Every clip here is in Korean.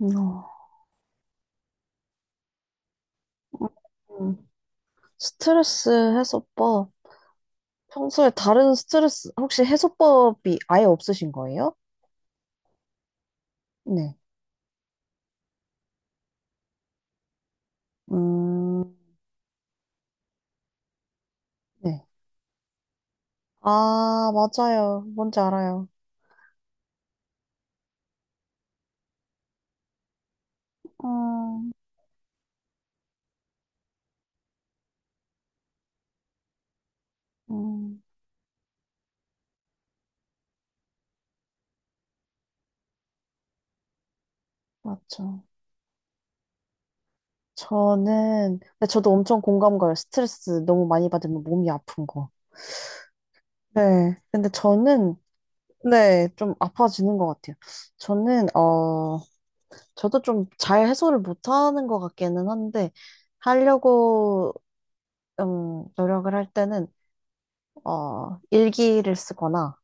어, 음. 스트레스 해소법. 평소에 다른 스트레스, 혹시 해소법이 아예 없으신 거예요? 네. 음, 네. 아, 맞아요. 뭔지 알아요. 음, 음, 맞죠. 저는, 근데 저도 엄청 공감 가요. 스트레스 너무 많이 받으면 몸이 아픈 거. 네. 근데 저는, 네, 좀 아파지는 것 같아요. 저는, 어, 저도 좀 잘 해소를 못하는 것 같기는 한데 하려고 노력을 할 때는 일기를 쓰거나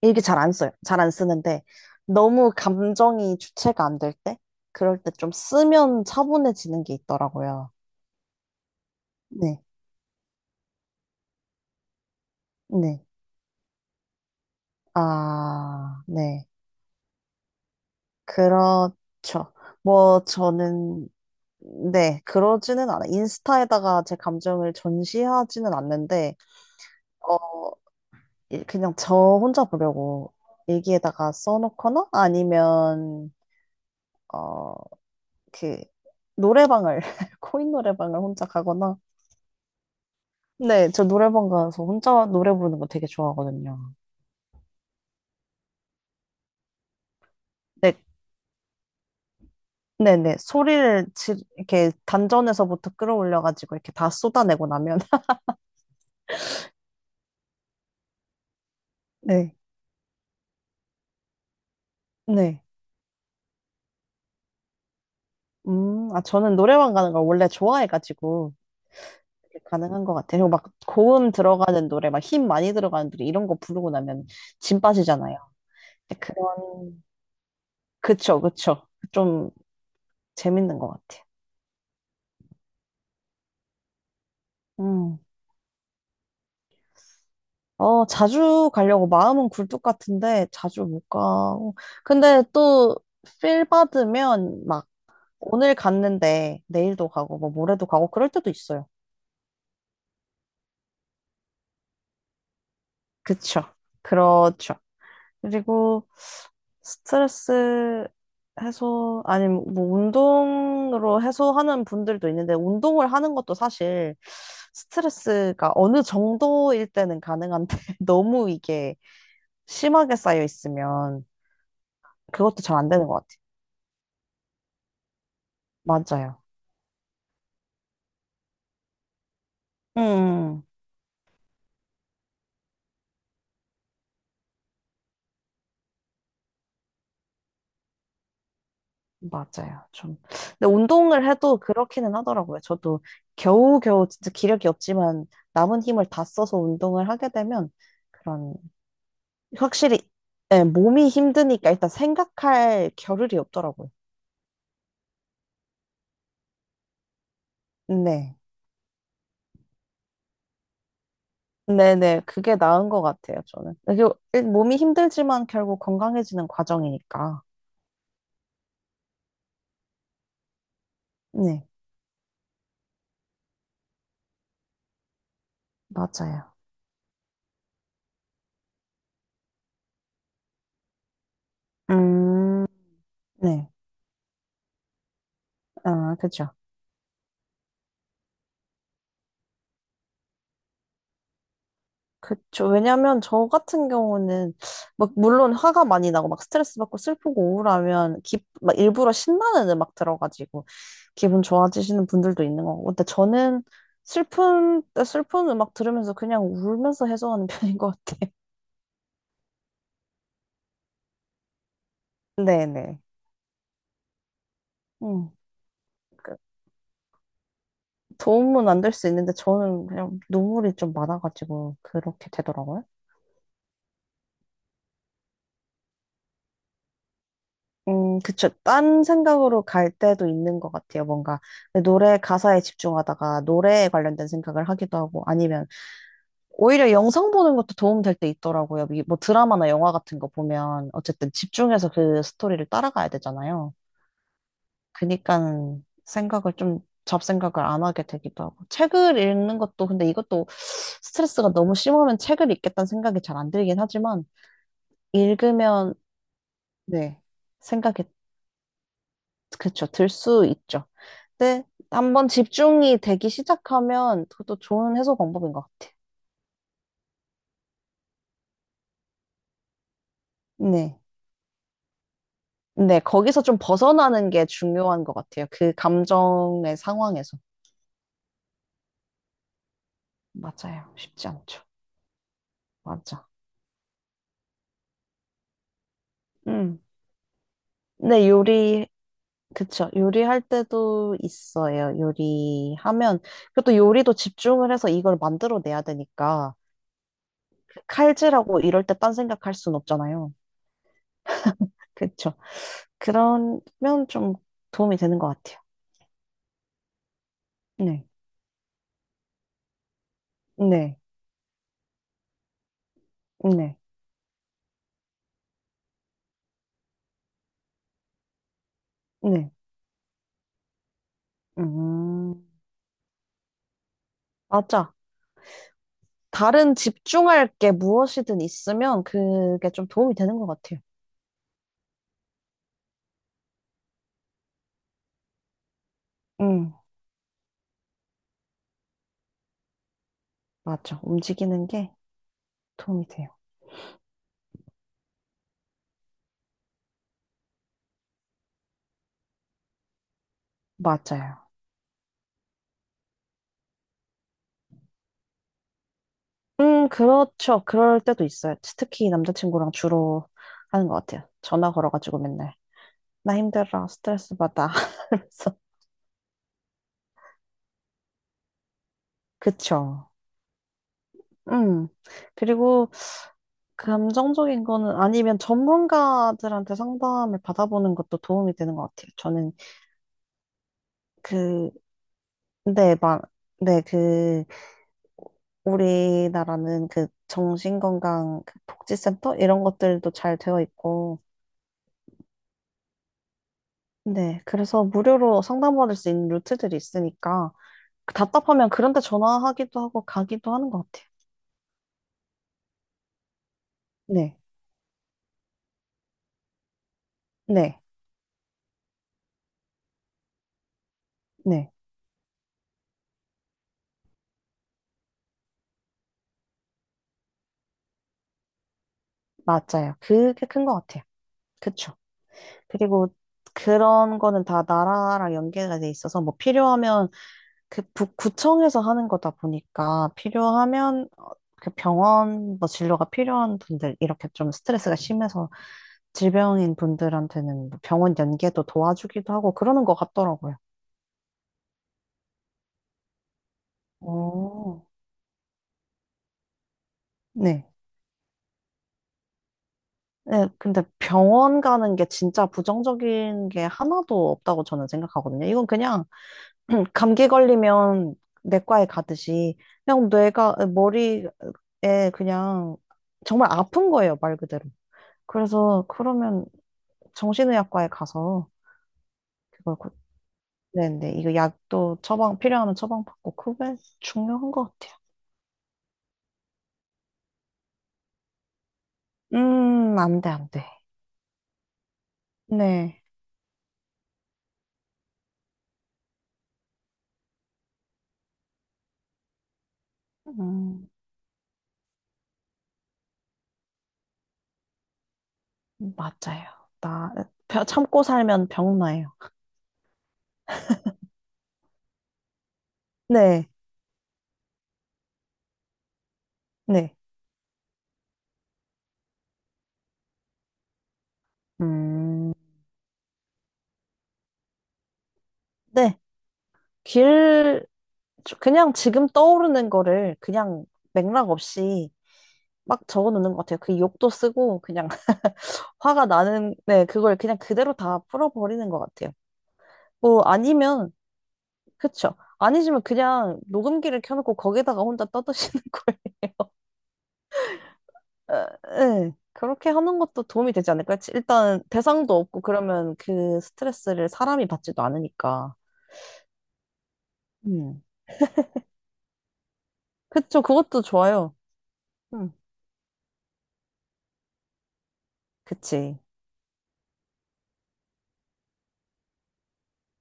일기 잘 안 써요. 잘 안 쓰는데 너무 감정이 주체가 안 될 때, 그럴 때 좀 쓰면 차분해지는 게 있더라고요. 네, 네, 아, 네, 그렇죠. 뭐 저는 네, 그러지는 않아. 요 인스타에다가 제 감정을 전시하지는 않는데. 어, 그냥 저 혼자 보려고 일기에다가 써놓거나 아니면 어 그 노래방을 코인 노래방을 혼자 가거나 네, 저 노래방 가서 혼자 노래 부르는 거 되게 좋아하거든요. 네, 네네 이렇게 단전에서부터 끌어올려가지고 이렇게 다 쏟아내고 나면 네, 네. 아 저는 노래방 가는 걸 원래 좋아해가지고 이렇게 가능한 것 같아요. 그리고 막 고음 들어가는 노래, 막 힘 많이 들어가는 노래 이런 거 부르고 나면 진 빠지잖아요. 근데 그런, 그쵸, 그쵸. 좀 재밌는 것 같아요. 음. 어, 자주 가려고 마음은 굴뚝 같은데 자주 못 가고. 근데 또 필 받으면 막 오늘 갔는데 내일도 가고 뭐 모레도 가고 그럴 때도 있어요. 그쵸. 그렇죠. 그리고 스트레스 해소, 아니, 뭐, 운동으로 해소하는 분들도 있는데, 운동을 하는 것도 사실 스트레스가 어느 정도일 때는 가능한데, 너무 이게 심하게 쌓여 있으면 그것도 잘 안 되는 것 같아요. 맞아요. 음, 음. 맞아요. 좀. 근데 운동을 해도 그렇기는 하더라고요. 저도 겨우겨우 진짜 기력이 없지만 남은 힘을 다 써서 운동을 하게 되면 그런 확실히 네, 몸이 힘드니까 일단 생각할 겨를이 없더라고요. 네. 네네, 그게 나은 것 같아요, 저는. 그리고 몸이 힘들지만 결국 건강해지는 과정이니까. 네, 맞아요. 음, 네. 아, 그쵸. 그쵸. 왜냐면 저 같은 경우는 막 물론 화가 많이 나고 막 스트레스 받고 슬프고 우울하면 막 일부러 신나는 음악 들어가지고 기분 좋아지시는 분들도 있는 거고. 근데 저는 슬픈 때 슬픈 음악 들으면서 그냥 울면서 해소하는 편인 것 같아요. 네네. 음. 그 도움은 안 될 수 있는데 저는 그냥 눈물이 좀 많아가지고 그렇게 되더라고요. 그쵸. 딴 생각으로 갈 때도 있는 것 같아요. 뭔가 노래 가사에 집중하다가 노래에 관련된 생각을 하기도 하고 아니면 오히려 영상 보는 것도 도움 될 때 있더라고요. 뭐 드라마나 영화 같은 거 보면 어쨌든 집중해서 그 스토리를 따라가야 되잖아요. 그니까 생각을 좀 잡생각을 안 하게 되기도 하고 책을 읽는 것도 근데 이것도 스트레스가 너무 심하면 책을 읽겠다는 생각이 잘 안 들긴 하지만 읽으면 네. 생각이 그렇죠. 들 수 있죠. 근데 한번 집중이 되기 시작하면 그것도 좋은 해소 방법인 것 같아요. 네. 네, 거기서 좀 벗어나는 게 중요한 것 같아요. 그 감정의 상황에서. 맞아요. 쉽지 않죠. 맞아. 음. 네, 그쵸. 요리할 때도 있어요. 요리하면. 그것도 요리도 집중을 해서 이걸 만들어내야 되니까. 칼질하고 이럴 때 딴 생각할 순 없잖아요. 그쵸. 그러면 좀 도움이 되는 것 같아요. 네. 네, 네, 네. 음, 맞아. 다른 집중할 게 무엇이든 있으면 그게 좀 도움이 되는 것 같아요. 음, 맞아. 움직이는 게 도움이 돼요. 맞아요. 그렇죠. 그럴 때도 있어요. 특히 남자친구랑 주로 하는 것 같아요. 전화 걸어가지고 맨날. 나 힘들어. 스트레스 받아. 하면서. 그쵸. 음. 그리고 감정적인 거는 아니면 전문가들한테 상담을 받아보는 것도 도움이 되는 것 같아요. 저는 그 네, 막, 네, 그, 우리나라는 그 정신건강 그 복지센터? 이런 것들도 잘 되어 있고, 네, 그래서 무료로 상담받을 수 있는 루트들이 있으니까, 답답하면 그런 데 전화하기도 하고 가기도 하는 것 같아요. 네, 네, 네, 맞아요. 그게 큰 것 같아요. 그쵸. 그리고 그런 거는 다 나라랑 연계가 돼 있어서, 뭐 필요하면 그 구청에서 하는 거다 보니까 필요하면 그 병원 뭐 진료가 필요한 분들 이렇게 좀 스트레스가 심해서 질병인 분들한테는 뭐 병원 연계도 도와주기도 하고 그러는 것 같더라고요. 오 네. 네, 근데 병원 가는 게 진짜 부정적인 게 하나도 없다고 저는 생각하거든요. 이건 그냥 감기 걸리면 내과에 가듯이 그냥 뇌가 머리에 그냥 정말 아픈 거예요, 말 그대로. 그래서 그러면 정신의학과에 가서 그걸 곧 내는데 이거 약도 처방 필요하면 처방 받고 그게 중요한 것 같아요. 안 돼, 안 돼. 네, 음, 맞아요. 나 참고 살면 병나요. 네, 네, 음, 네. 길 그냥 지금 떠오르는 거를 그냥 맥락 없이 막 적어놓는 것 같아요. 그 욕도 쓰고 그냥 화가 나는 네 그걸 그냥 그대로 다 풀어버리는 것 같아요. 뭐 아니면 그쵸. 아니시면 그냥 녹음기를 켜놓고 거기다가 혼자 떠드시는 거예요. 에, 그렇게 하는 것도 도움이 되지 않을까요? 일단 대상도 없고 그러면 그 스트레스를 사람이 받지도 않으니까. 음. 그쵸. 그것도 좋아요. 음. 그치.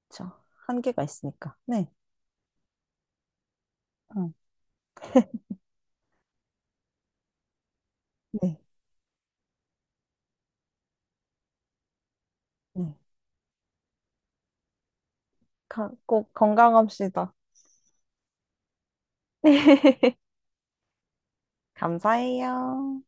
그쵸. 한계가 있으니까. 네. 음. 네. 네. 꼭 건강합시다. 감사해요.